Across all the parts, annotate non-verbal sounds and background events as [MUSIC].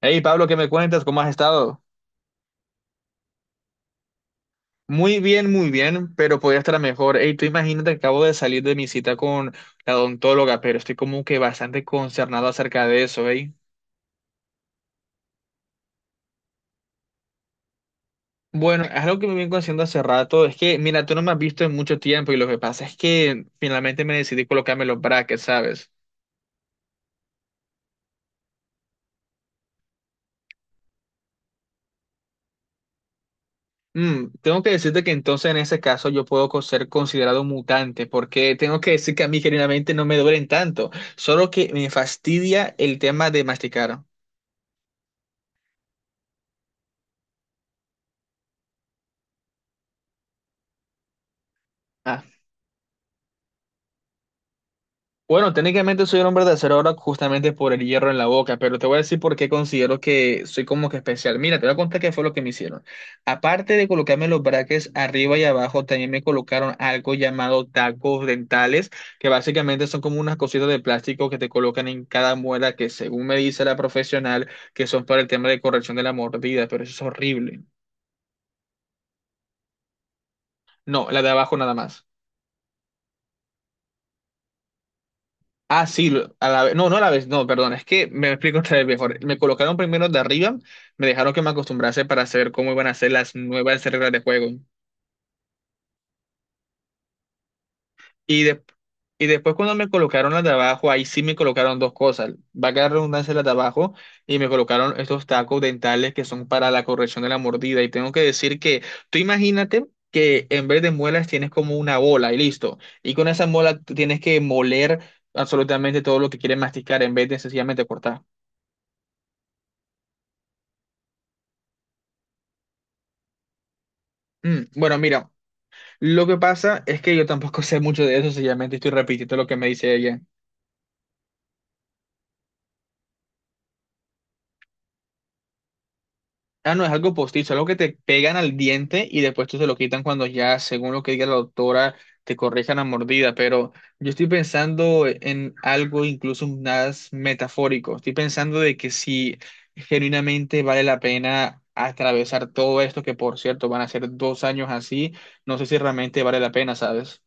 Hey Pablo, ¿qué me cuentas? ¿Cómo has estado? Muy bien, pero podría estar mejor. Hey, tú imagínate que acabo de salir de mi cita con la odontóloga, pero estoy como que bastante concernado acerca de eso, ¿eh? Bueno, es algo que me vengo haciendo hace rato. Es que, mira, tú no me has visto en mucho tiempo y lo que pasa es que finalmente me decidí colocarme los brackets, ¿sabes? Tengo que decirte que entonces en ese caso yo puedo ser considerado un mutante, porque tengo que decir que a mí generalmente no me duelen tanto, solo que me fastidia el tema de masticar. Bueno, técnicamente soy el hombre de acero ahora justamente por el hierro en la boca, pero te voy a decir por qué considero que soy como que especial. Mira, te voy a contar qué fue lo que me hicieron. Aparte de colocarme los brackets arriba y abajo, también me colocaron algo llamado tacos dentales, que básicamente son como unas cositas de plástico que te colocan en cada muela, que según me dice la profesional, que son para el tema de corrección de la mordida, pero eso es horrible. No, la de abajo nada más. Ah, sí, a la vez. No, no a la vez, no, perdón, es que me explico otra vez mejor. Me colocaron primero de arriba, me dejaron que me acostumbrase para saber cómo iban a ser las nuevas reglas de juego. Y, de- y después cuando me colocaron las de abajo, ahí sí me colocaron dos cosas. Va a quedar redundancia las de abajo y me colocaron estos tacos dentales que son para la corrección de la mordida. Y tengo que decir que tú imagínate que en vez de muelas tienes como una bola y listo. Y con esa bola tú tienes que moler absolutamente todo lo que quieres masticar en vez de sencillamente cortar. Bueno, mira, lo que pasa es que yo tampoco [LAUGHS] sé mucho de eso, sencillamente estoy repitiendo lo que me dice ella. Ah, no, es algo postizo, algo que te pegan al diente y después tú se lo quitan cuando ya, según lo que diga la doctora, te corrijan la mordida. Pero yo estoy pensando en algo incluso más metafórico. Estoy pensando de que si genuinamente vale la pena atravesar todo esto, que por cierto van a ser 2 años así, no sé si realmente vale la pena, ¿sabes?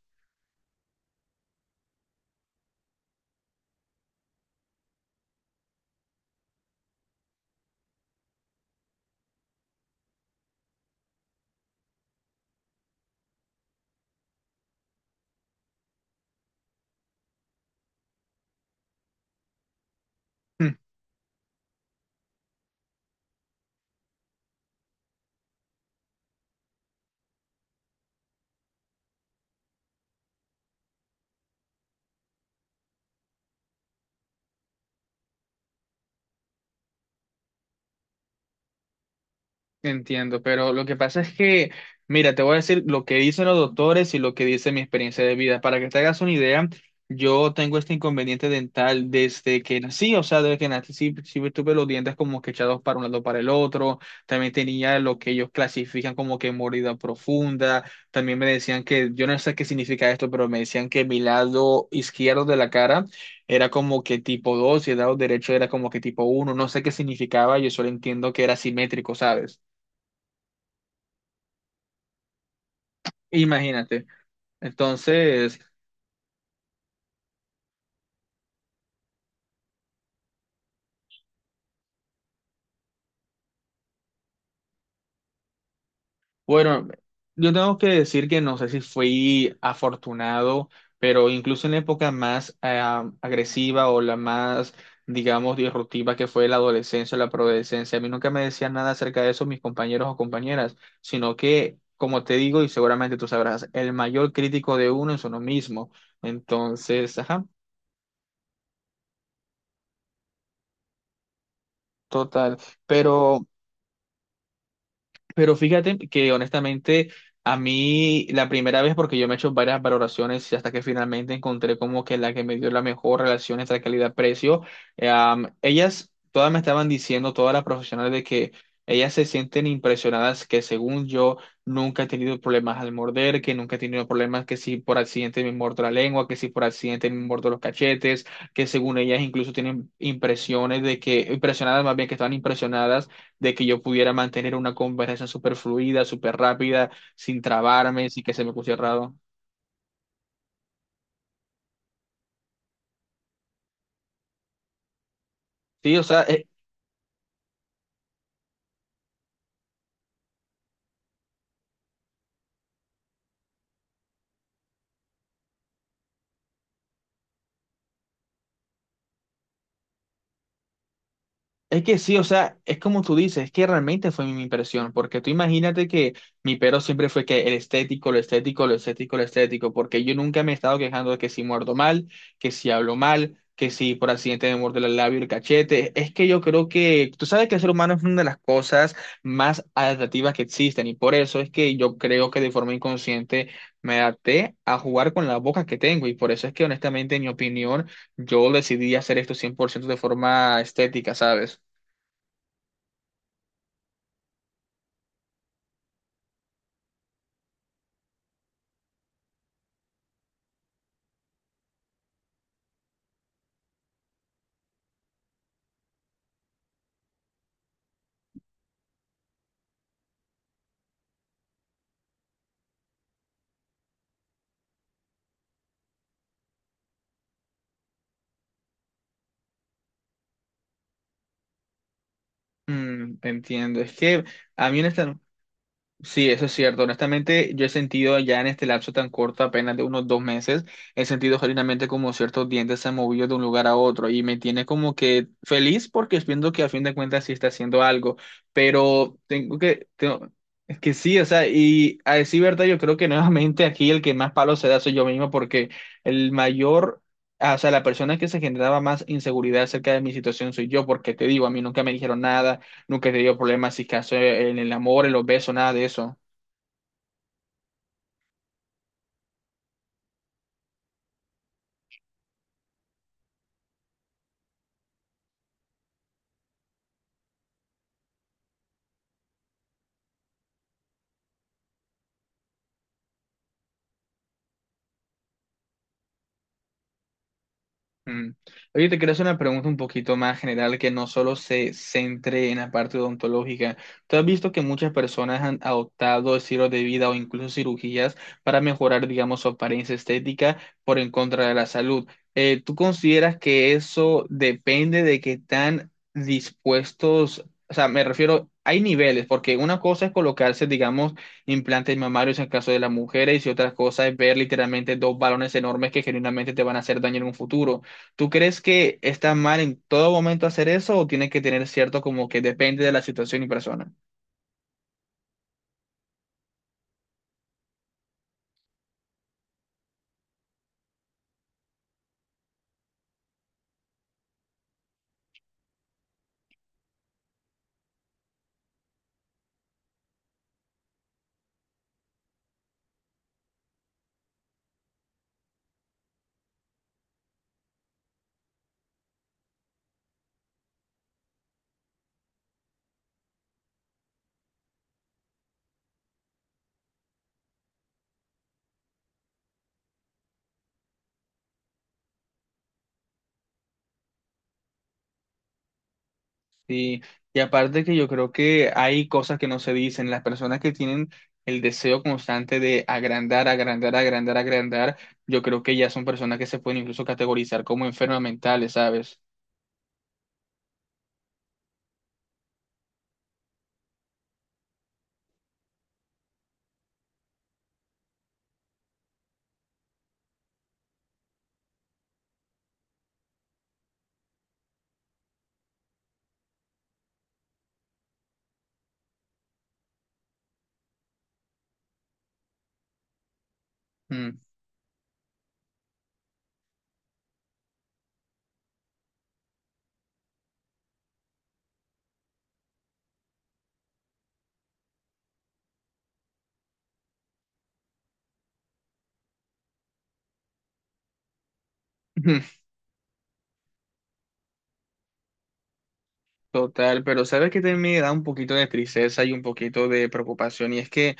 Entiendo, pero lo que pasa es que, mira, te voy a decir lo que dicen los doctores y lo que dice mi experiencia de vida. Para que te hagas una idea, yo tengo este inconveniente dental desde que nací, o sea, desde que nací sí, sí tuve los dientes como que echados para un lado para el otro. También tenía lo que ellos clasifican como que mordida profunda. También me decían que, yo no sé qué significa esto, pero me decían que mi lado izquierdo de la cara era como que tipo 2 y el lado derecho era como que tipo uno. No sé qué significaba, yo solo entiendo que era simétrico, ¿sabes? Imagínate. Entonces, bueno, yo tengo que decir que no sé si fui afortunado, pero incluso en la época más agresiva o la más, digamos, disruptiva que fue la adolescencia o la preadolescencia, a mí nunca me decían nada acerca de eso mis compañeros o compañeras, sino que, como te digo, y seguramente tú sabrás, el mayor crítico de uno es uno mismo. Entonces, ajá, total. Pero Pero fíjate que honestamente a mí la primera vez, porque yo me he hecho varias valoraciones y hasta que finalmente encontré como que la que me dio la mejor relación entre calidad-precio, ellas todas me estaban diciendo, todas las profesionales, de que ellas se sienten impresionadas que según yo nunca he tenido problemas al morder, que nunca he tenido problemas que si por accidente me mordo la lengua, que si por accidente me mordo los cachetes, que según ellas incluso tienen impresiones de que, impresionadas más bien que estaban impresionadas de que yo pudiera mantener una conversación súper fluida, súper rápida, sin trabarme, sin que se me pusiera raro. Sí, o sea, es que sí, o sea, es como tú dices, es que realmente fue mi impresión, porque tú imagínate que mi pero siempre fue que el estético, lo estético, lo estético, lo estético, porque yo nunca me he estado quejando de que si muerdo mal, que si hablo mal, que si por accidente me muerdo el labio, y el cachete. Es que yo creo que, tú sabes que el ser humano es una de las cosas más adaptativas que existen, y por eso es que yo creo que de forma inconsciente me adapté a jugar con la boca que tengo, y por eso es que honestamente, en mi opinión, yo decidí hacer esto 100% de forma estética, ¿sabes? Te entiendo. Es que a mí, honestamente, sí, eso es cierto. Honestamente, yo he sentido ya en este lapso tan corto, apenas de unos 2 meses, he sentido genuinamente como ciertos dientes se han movido de un lugar a otro y me tiene como que feliz porque viendo que a fin de cuentas sí está haciendo algo. Pero es que sí, o sea, y a decir verdad, yo creo que nuevamente aquí el que más palo se da soy yo mismo porque el mayor. O sea, la persona que se generaba más inseguridad acerca de mi situación soy yo, porque te digo, a mí nunca me dijeron nada, nunca he tenido problemas, si caso en el amor, en los besos, nada de eso. Mm. Oye, te quiero hacer una pregunta un poquito más general que no solo se centre en la parte odontológica. ¿Tú has visto que muchas personas han adoptado estilos de vida o incluso cirugías para mejorar, digamos, su apariencia estética por en contra de la salud? ¿Tú consideras que eso depende de qué tan dispuestos, o sea, me refiero, hay niveles, porque una cosa es colocarse, digamos, implantes mamarios en el caso de las mujeres y si otra cosa es ver literalmente dos balones enormes que genuinamente te van a hacer daño en un futuro. ¿Tú crees que está mal en todo momento hacer eso o tiene que tener cierto como que depende de la situación y persona? Y, y aparte que yo creo que hay cosas que no se dicen. Las personas que tienen el deseo constante de agrandar, agrandar, agrandar, agrandar, yo creo que ya son personas que se pueden incluso categorizar como enfermas mentales, ¿sabes? Mm. [LAUGHS] Total, pero sabes que también me da un poquito de tristeza y un poquito de preocupación, y es que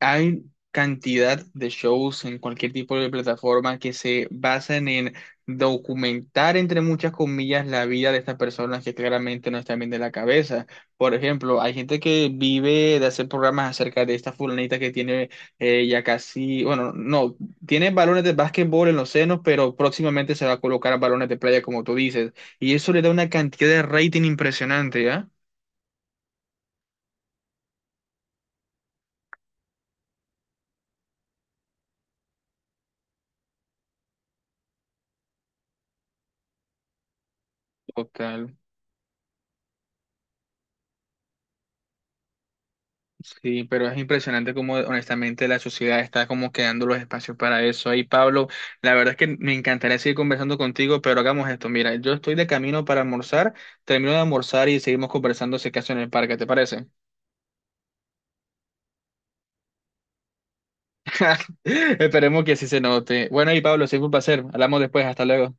hay cantidad de shows en cualquier tipo de plataforma que se basan en documentar, entre muchas comillas, la vida de estas personas que claramente no están bien de la cabeza. Por ejemplo, hay gente que vive de hacer programas acerca de esta fulanita que tiene ya casi, bueno, no, tiene balones de básquetbol en los senos, pero próximamente se va a colocar balones de playa, como tú dices. Y eso le da una cantidad de rating impresionante, ¿ya? Total. Sí, pero es impresionante cómo honestamente la sociedad está como quedando los espacios para eso. Ahí, Pablo, la verdad es que me encantaría seguir conversando contigo, pero hagamos esto. Mira, yo estoy de camino para almorzar, termino de almorzar y seguimos conversando si acaso en el parque, ¿te parece? [LAUGHS] Esperemos que así se note. Bueno, y Pablo, siempre un placer. Hablamos después, hasta luego.